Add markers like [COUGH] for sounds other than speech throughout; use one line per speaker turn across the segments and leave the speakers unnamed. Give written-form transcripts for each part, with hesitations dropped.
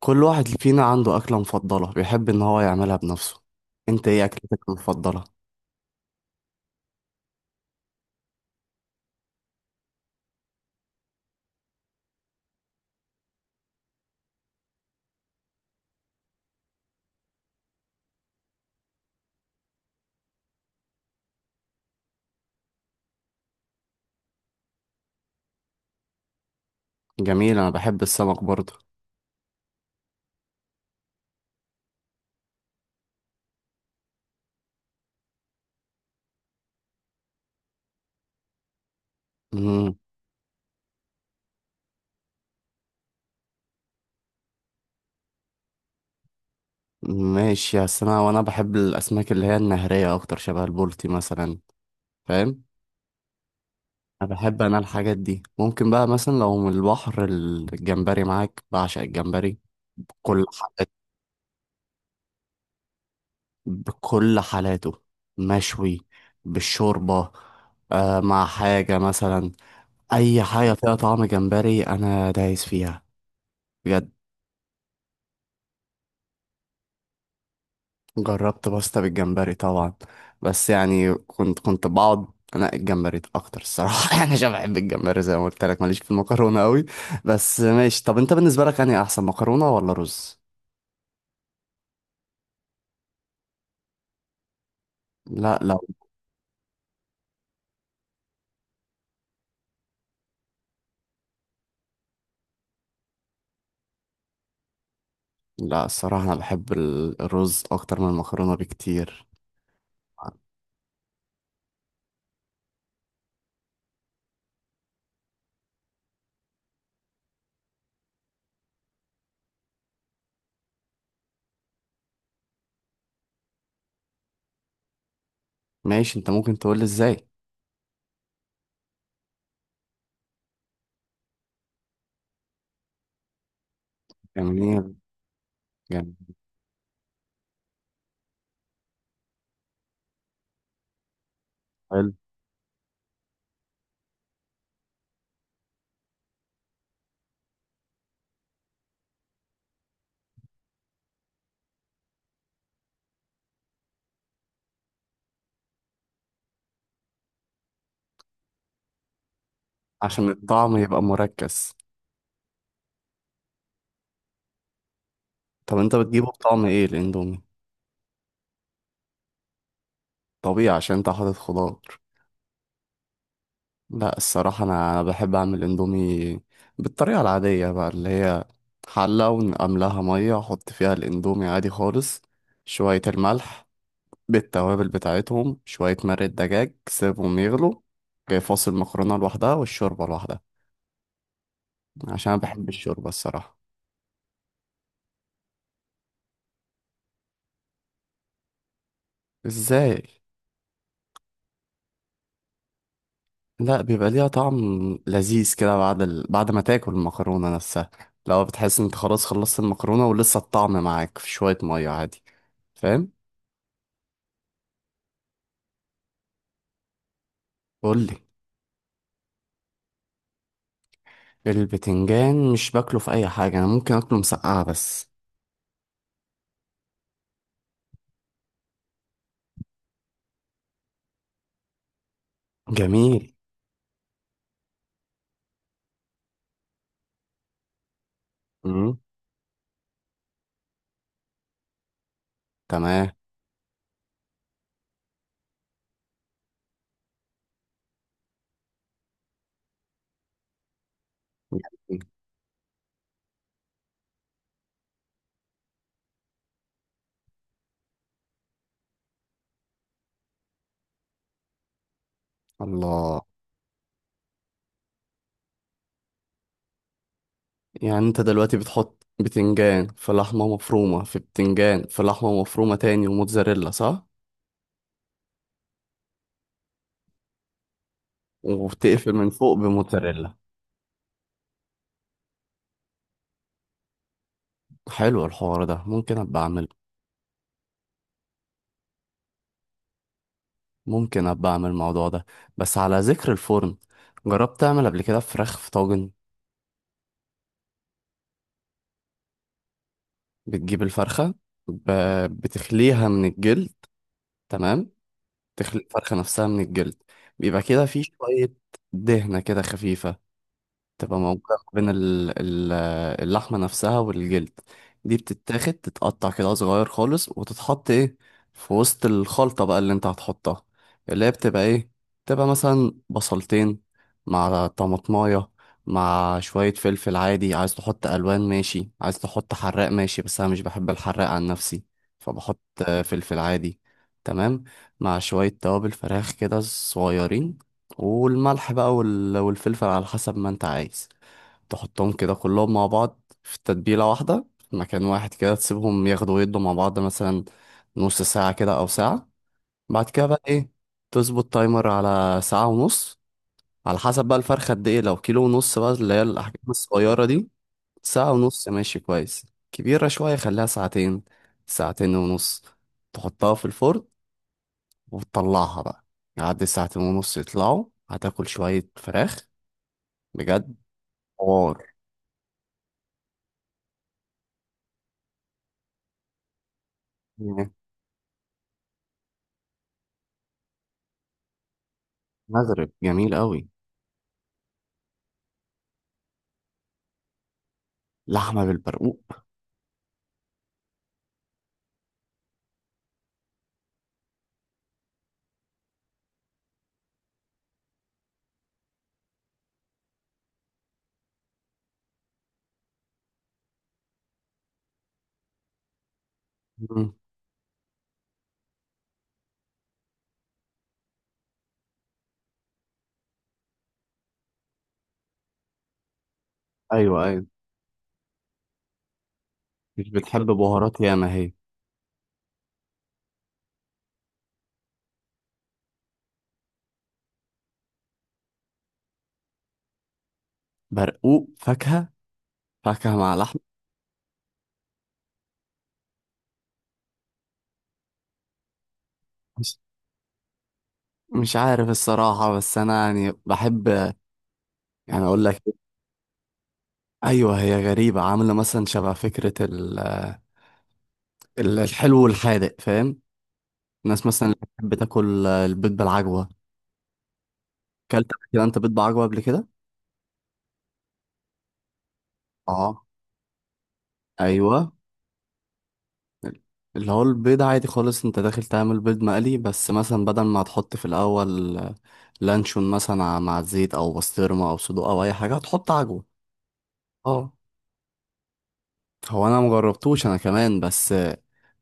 كل واحد فينا عنده أكلة مفضلة بيحب إن هو يعملها بنفسه. أنت إيه أكلتك المفضلة؟ جميل، أنا بحب السمك برضه. مم. ماشي يا، أنا بحب الأسماك اللي هي النهرية أكتر، شبه البولتي مثلا. فاهم؟ أنا بحب أنا الحاجات دي، ممكن بقى مثلا لو من البحر الجمبري معاك، بعشق الجمبري. بكل حالات بكل حالاته، مشوي، بالشوربة، آه مع حاجة مثلا. أي حاجة فيها طعم جمبري أنا دايس فيها بجد. جربت باستا بالجمبري طبعا، بس يعني كنت بقعد انقي الجمبري اكتر الصراحه [LAUGHS] يعني، عشان بحب الجمبري زي ما قلت لك، ماليش في المكرونه قوي. بس ماشي. طب انت، بالنسبه لك، انهي احسن، مكرونه ولا رز؟ لا لا. لا الصراحه انا بحب الرز اكتر من المكرونه بكتير. ماشي، انت ممكن تقول لي ازاي. جميل. جميل. حلو. عشان الطعم يبقى مركز. طب انت بتجيبه بطعم ايه الاندومي؟ طبيعي عشان انت حاطط خضار. لا الصراحة، أنا بحب أعمل إندومي بالطريقة العادية بقى، اللي هي حلة ونقملها مية، أحط فيها الإندومي عادي خالص، شوية الملح، بالتوابل بتاعتهم، شوية مرق دجاج، سيبهم يغلوا. جاي فاصل، المكرونة لوحدها والشوربة لوحدها. عشان أنا بحب الشوربة الصراحة. إزاي؟ لا، بيبقى ليها طعم لذيذ كده بعد بعد ما تاكل المكرونة نفسها. لو بتحس إن أنت خلاص خلصت المكرونة ولسه الطعم معاك في شوية مية، عادي. فاهم؟ قولي. البتنجان مش باكله في اي حاجه، انا ممكن اكله مسقعه بس. جميل. امم تمام. جميل. الله. يعني انت دلوقتي بتحط بتنجان في لحمه مفرومه في بتنجان في لحمه مفرومه تاني وموتزاريلا، صح؟ وبتقفل من فوق بموتزاريلا. حلو، الحوار ده ممكن ابقى اعمل. ممكن ابقى اعمل الموضوع ده. بس على ذكر الفرن، جربت تعمل قبل كده فراخ في طاجن؟ بتجيب الفرخه، ب... بتخليها من الجلد. تمام، تخلي الفرخة نفسها من الجلد. بيبقى كده فيه شوية دهنة كده خفيفة تبقى موجودة بين اللحمة نفسها والجلد. دي بتتاخد، تتقطع كده صغير خالص، وتتحط ايه في وسط الخلطة بقى اللي انت هتحطها، اللي هي بتبقى ايه؟ بتبقى مثلا بصلتين مع طماطماية، مع شوية فلفل عادي. عايز تحط ألوان، ماشي. عايز تحط حراق، ماشي. بس أنا مش بحب الحراق عن نفسي، فبحط فلفل عادي. تمام. مع شوية توابل فراخ كده صغيرين، والملح بقى والفلفل على حسب ما انت عايز. تحطهم كده كلهم مع بعض في تتبيلة واحدة، في مكان واحد كده، تسيبهم ياخدوا ويدوا مع بعض مثلا نص ساعة كده أو ساعة. بعد كده بقى إيه؟ تظبط تايمر على ساعة ونص، على حسب بقى الفرخة قد إيه. لو كيلو ونص بقى، اللي هي الأحجام الصغيرة دي، ساعة ونص ماشي كويس. كبيرة شوية، خليها ساعتين، ساعتين ونص. تحطها في الفرن وتطلعها بقى. يعدي ساعتين ونص، يطلعوا، هتاكل شوية فراخ بجد. حوار. مم. مغرب جميل قوي. لحمة بالبرقوق. مم. ايوه ايوه. مش بتحب بهارات ياما هي. برقوق فاكهة؟ فاكهة مع لحمة. مش مش عارف الصراحة، بس انا يعني بحب، يعني اقول لك، ايوه هي غريبه، عامله مثلا شبه فكره الحلو والحادق، فاهم؟ الناس مثلا اللي بتحب تاكل البيض بالعجوه. اكلت قبل كده انت بيض بعجوه قبل كده؟ اه. ايوه. اللي هو البيض عادي خالص، انت داخل تعمل بيض مقلي، بس مثلا بدل ما هتحط في الاول لانشون مثلا مع الزيت، او بسطرمه، او صدوق، او اي حاجه، هتحط عجوه. اه، هو انا مجربتوش انا كمان بس.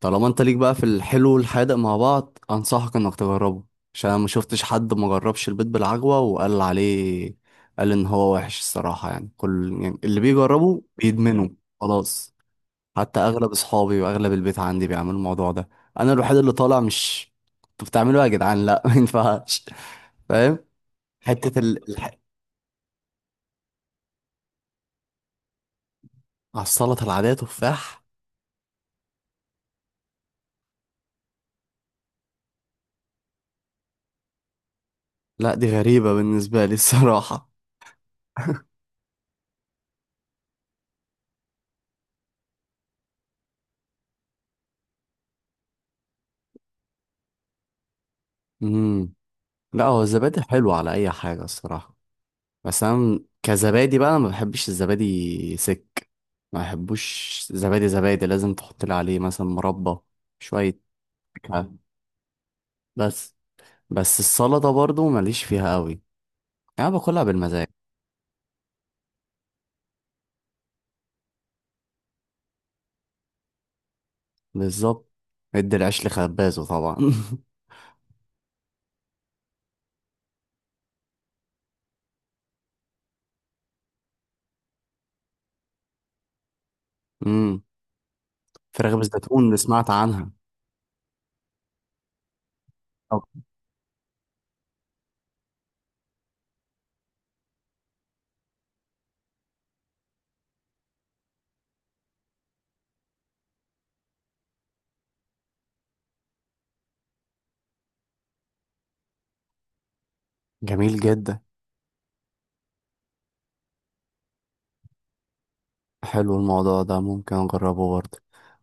طالما انت ليك بقى في الحلو والحادق مع بعض، انصحك انك تجربه. عشان انا ما شفتش حد ما جربش البيت بالعجوة وقال عليه، قال ان هو وحش الصراحة. يعني كل، يعني اللي بيجربه بيدمنه. خلاص. حتى اغلب اصحابي واغلب البيت عندي بيعملوا الموضوع ده. انا الوحيد اللي طالع مش انتوا بتعملوا إيه يا جدعان؟ لا [LAUGHS] ما ينفعش. فاهم؟ حتة ال... الح... على السلطة العادية تفاح؟ لا دي غريبة بالنسبة لي الصراحة. مم. لا هو الزبادي حلو على اي حاجه الصراحه، بس انا كزبادي بقى ما بحبش الزبادي سك. ما بحبوش. زبادي زبادي لازم تحط لي عليه مثلا مربى، شويه فاكهة. بس بس السلطه برضو ماليش فيها قوي، انا باكلها بالمزاج. بالظبط. ادي العيش لخبازه طبعا. [LAUGHS] امم. فراخ بالزيتون اللي سمعت عنها. طب. جميل جدا. حلو الموضوع ده، ممكن اجربه برضه.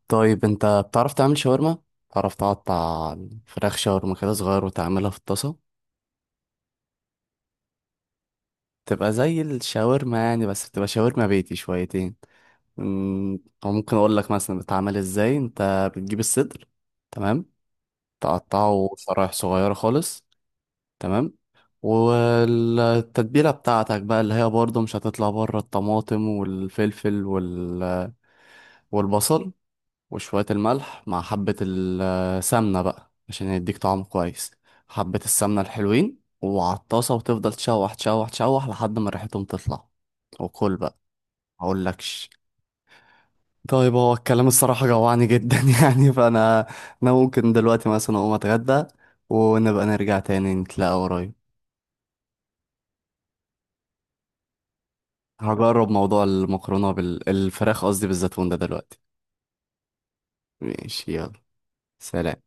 طيب انت بتعرف تعمل شاورما؟ بتعرف تقطع الفراخ شاورما كده صغير وتعملها في الطاسه؟ تبقى زي الشاورما، يعني بس بتبقى شاورما بيتي شويتين. أمم، او ممكن اقول لك مثلا بتعمل ازاي. انت بتجيب الصدر، تمام، تقطعه شرايح صغيره خالص. تمام. والتتبيله بتاعتك بقى اللي هي برضه مش هتطلع بره، الطماطم والفلفل والبصل، وشوية الملح، مع حبة السمنة بقى عشان يديك طعم كويس. حبة السمنة الحلوين وعلى الطاسة، وتفضل تشوح تشوح تشوح لحد ما ريحتهم تطلع، وكل بقى. مقولكش. طيب هو الكلام الصراحة جوعني جدا [LAUGHS] يعني. فأنا، أنا ممكن دلوقتي مثلا أقوم أتغدى ونبقى نرجع تاني نتلاقى قريب. هجرب موضوع المكرونة الفراخ قصدي بالزيتون ده دلوقتي. ماشي يلا. سلام.